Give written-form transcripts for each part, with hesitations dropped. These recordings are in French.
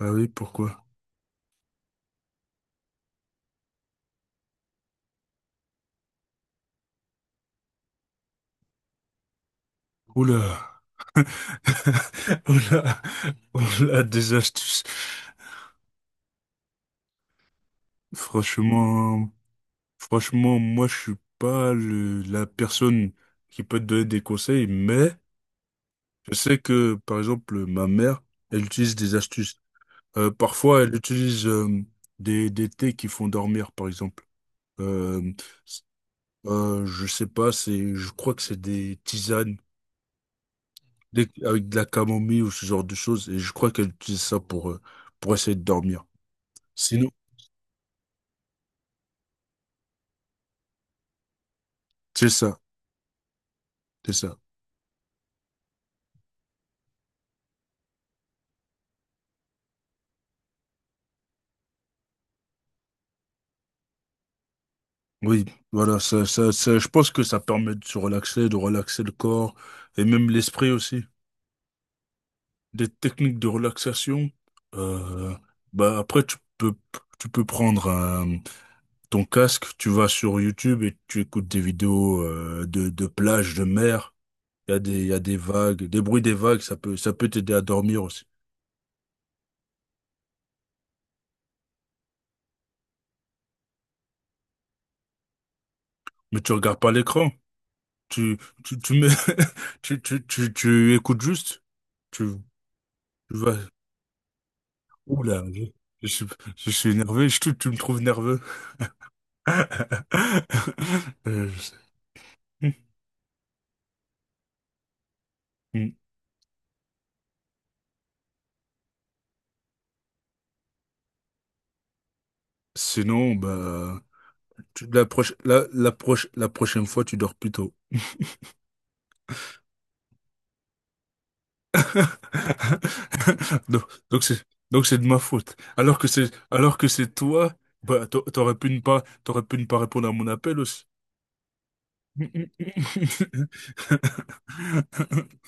Ah oui, pourquoi? Oula! Oula! Oula, des astuces. Franchement, franchement, moi, je suis pas la personne qui peut te donner des conseils, mais je sais que, par exemple, ma mère, elle utilise des astuces. Parfois, elle utilise des thés qui font dormir, par exemple. Euh, je sais pas, c'est, je crois que c'est des tisanes. Avec de la camomille ou ce genre de choses. Et je crois qu'elle utilise ça pour essayer de dormir. Sinon, c'est ça, c'est ça. Oui, voilà, ça, je pense que ça permet de se relaxer, de relaxer le corps et même l'esprit aussi. Des techniques de relaxation. Euh, Bah après, tu peux prendre ton casque, tu vas sur YouTube et tu écoutes des vidéos de plage, de mer. Il y a des vagues, des bruits des vagues, ça peut t'aider à dormir aussi. Mais tu regardes pas l'écran. Tu, tu, tu me, tu écoutes juste. Tu, Tu vas. Oula, je suis, je suis énervé. Tu me trouves nerveux. Je sais. Hmm. Sinon, bah, tu, la, proche, la prochaine fois, tu dors plus tôt. Donc, donc c'est, donc c'est de ma faute. Alors que c'est toi, bah, t'aurais pu ne pas répondre à mon appel aussi.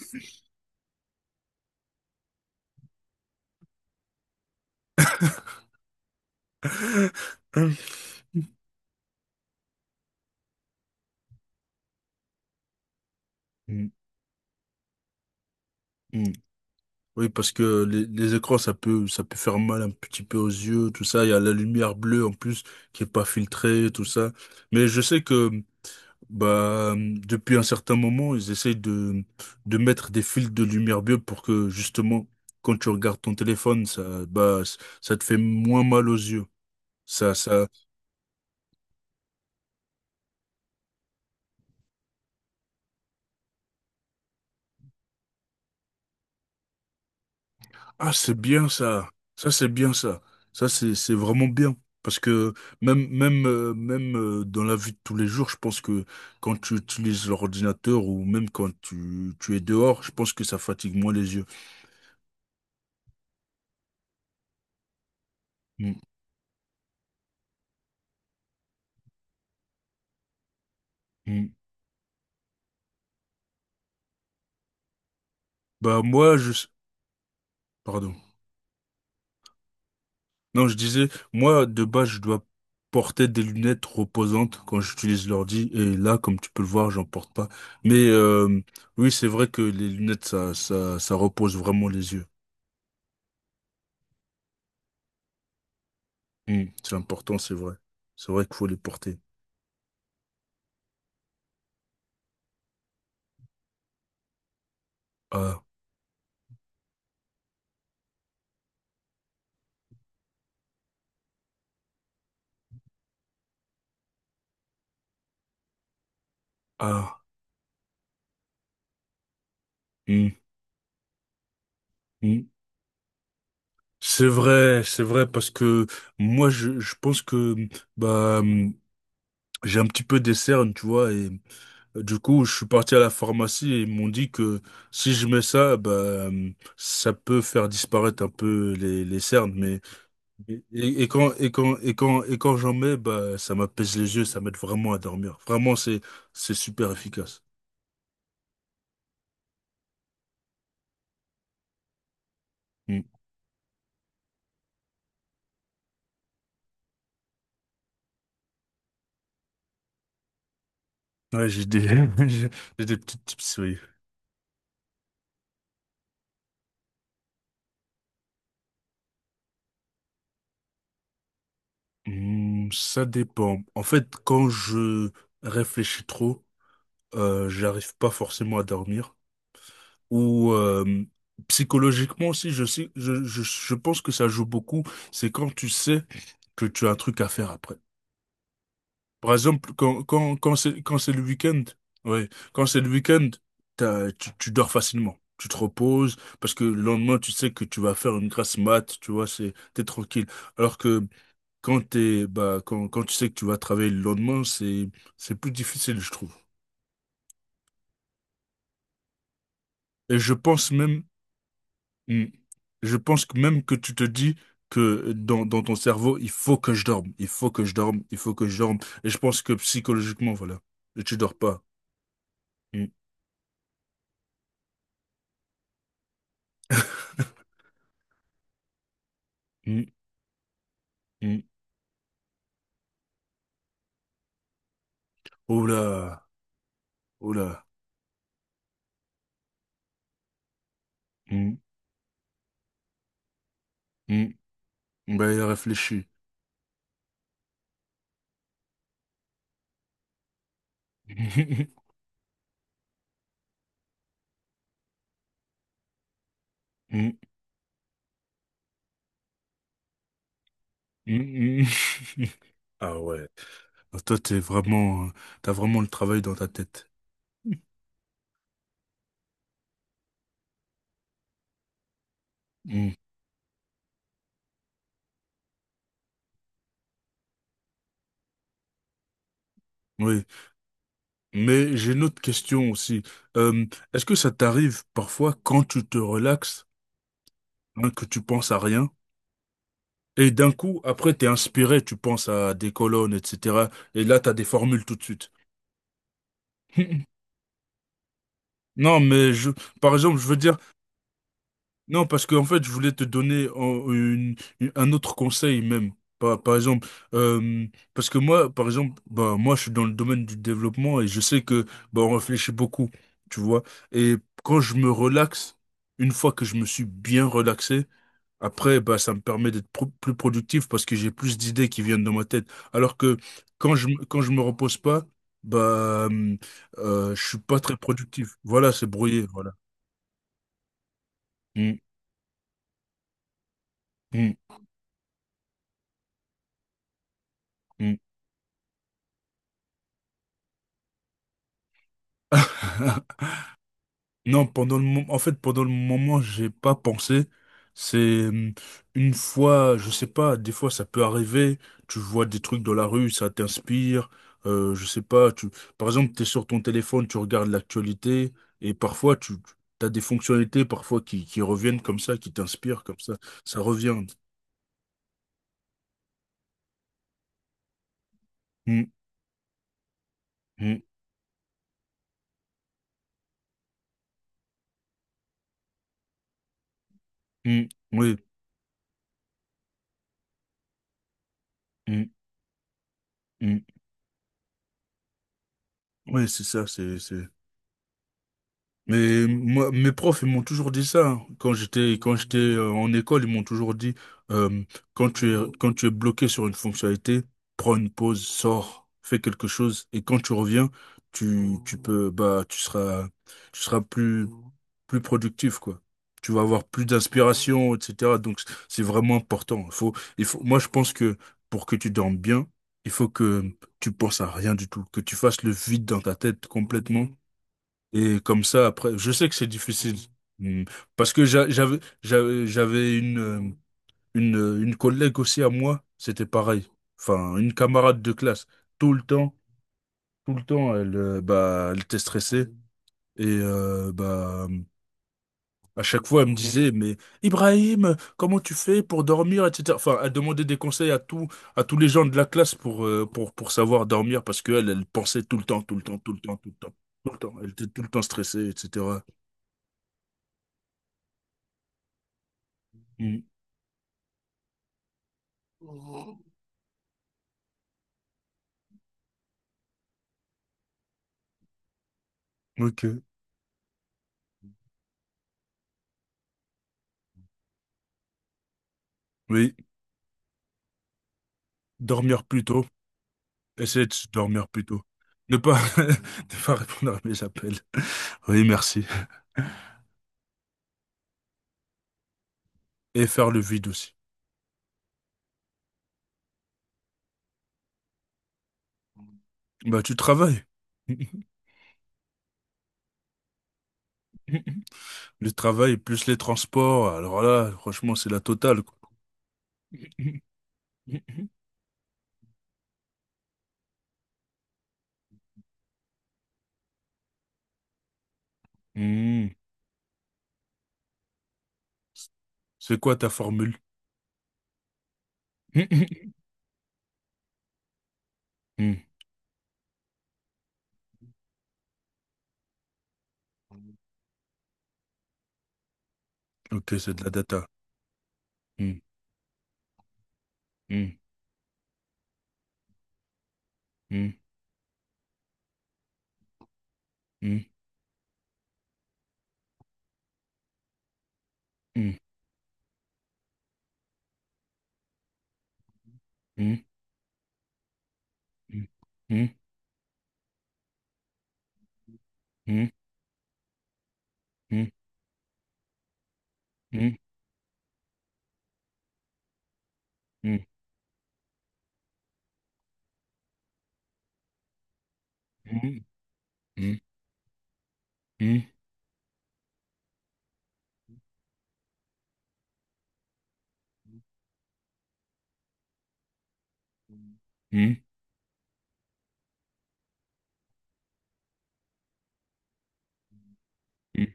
Mm, mm. Oui, parce que les écrans, ça peut faire mal un petit peu aux yeux, tout ça. Il y a la lumière bleue en plus qui est pas filtrée, tout ça. Mais je sais que, bah, depuis un certain moment, ils essayent de mettre des filtres de lumière bleue pour que, justement, quand tu regardes ton téléphone, ça te fait moins mal aux yeux. Ça, ça, Ah, c'est bien ça. Ça, c'est bien ça. Ça, c'est vraiment bien. Parce que même, dans la vie de tous les jours, je pense que quand tu utilises l'ordinateur ou même quand tu es dehors, je pense que ça fatigue moins les yeux. Mm, mm. Bah, moi, je... Pardon. Non, je disais, moi, de base, je dois porter des lunettes reposantes quand j'utilise l'ordi. Et là, comme tu peux le voir, j'en porte pas. Mais oui, c'est vrai que les lunettes, ça repose vraiment les yeux. U, c'est important, c'est vrai. C'est vrai qu'il faut les porter. A, A, U, U. C'est vrai, parce que moi, je pense que bah, j'ai un petit peu des cernes, tu vois, et du coup, je suis parti à la pharmacie et ils m'ont dit que si je mets ça, bah, ça peut faire disparaître un peu les cernes, mais et quand et quand et quand et quand j'en mets, bah, ça m'apaise les yeux, ça m'aide vraiment à dormir. Vraiment, c'est super efficace. Hmm. Ouais, j'ai j'ai des petites tips, oui. Hmm, ça dépend. En fait, quand je réfléchis trop, j'arrive pas forcément à dormir. Ou psychologiquement aussi, je sais, je pense que ça joue beaucoup. C'est quand tu sais que tu as un truc à faire après. Par exemple, quand c'est le week-end, ouais, quand c'est le week-end, tu dors facilement. Tu te reposes parce que le lendemain, tu sais que tu vas faire une grasse mat, tu vois, t'es tranquille. Alors que quand t'es, bah, quand, quand tu sais que tu vas travailler le lendemain, c'est plus difficile, je trouve. Et hmm, je pense que même que tu te dis que dans ton cerveau, il faut que je dorme, il faut que je dorme, il faut que je dorme. Et je pense que psychologiquement, voilà, tu dors pas. Hmm. Hmm, hmm. Oh là, oh là. Hmm, hmm. Ben, il a réfléchi. Hmm, hmm, hmm. Ah ouais. Ah, toi, t'as vraiment le travail dans ta tête. Hmm. Oui. Mais j'ai une autre question aussi. Euh, Est-ce que ça t'arrive parfois quand tu te relaxes, hein, que tu penses à rien, et d'un coup, après, t'es inspiré, tu penses à des colonnes, etc. Et là, t'as des formules tout de suite. Non, mais par exemple, je veux dire. Non, parce qu'en fait, je voulais te donner un autre conseil même. Par exemple, euh, parce que moi, par exemple, bah, moi, je suis dans le domaine du développement et je sais que bah, on réfléchit beaucoup, tu vois. Et quand je me relaxe, une fois que je me suis bien relaxé, après, bah, ça me permet d'être plus productif parce que j'ai plus d'idées qui viennent dans ma tête. Alors que quand je me repose pas, bah, je suis pas très productif. Voilà, c'est brouillé, voilà. Hum, hum, hum. Non, pendant le moment, j'ai pas pensé. C'est une fois, je sais pas, des fois ça peut arriver, tu vois des trucs dans la rue, ça t'inspire, je sais pas, par exemple, t'es sur ton téléphone, tu regardes l'actualité, et parfois tu as des fonctionnalités, parfois qui reviennent comme ça, qui t'inspirent comme ça revient. Hum, hum, hum, oui, hum, hum. Oui, c'est ça, Mais moi, mes profs, ils m'ont toujours dit ça, hein. Quand j'étais, en école, ils m'ont toujours dit, euh, quand tu es bloqué sur une fonctionnalité, prends une pause, sors, fais quelque chose, et quand tu reviens, bah, tu seras plus productif, quoi. Tu vas avoir plus d'inspiration, etc. Donc, c'est vraiment important. Il faut, moi, je pense que pour que tu dormes bien, il faut que tu penses à rien du tout, que tu fasses le vide dans ta tête complètement et comme ça, après, je sais que c'est difficile. Mm. Parce que j'avais une collègue aussi à moi, c'était pareil. Enfin, une camarade de classe. Tout le temps, tout le temps, elle était stressée. Et bah, à chaque fois, elle me disait, mais Ibrahim, comment tu fais pour dormir, etc. Enfin, elle demandait des conseils à tous les gens de la classe pour, pour savoir dormir parce qu'elle, elle elle pensait tout le temps, tout le temps, tout le temps, tout le temps, tout le temps. Elle était tout le temps stressée, etc. Ok. Oui. Dormir plus tôt. Essayer de dormir plus tôt. Ne pas, Ne pas répondre à mes appels. Oui, merci. Et faire le vide aussi. Bah, tu travailles. Le travail plus les transports. Alors là, franchement, c'est la totale, quoi. Hmm. C'est quoi ta formule? Hmm. Ok, c'est de la data. Hmm. Hmm. Hmm. Hmm. Hmm. Hmm. Hmm. Hmm. Hmm. Hmm. Hmm. Hmm. Hmm. Hmm. Hmm. Hmm, hmm, hmm.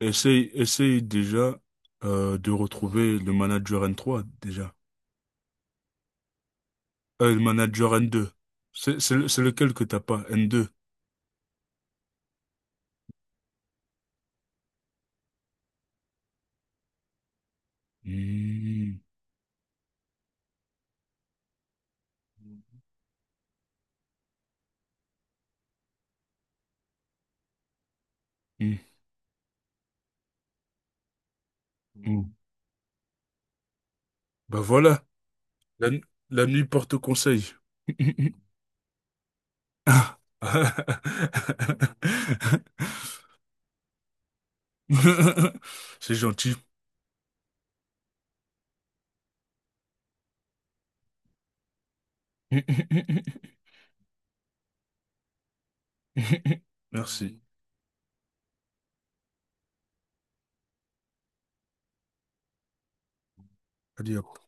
Essaye déjà de retrouver le manager N3 déjà. Le manager N2. C'est lequel que t'as pas, N2? Hmm, hmm, hmm. Bah voilà, la, nu- la nuit porte conseil. Ah. C'est gentil. Merci. Allez, hop.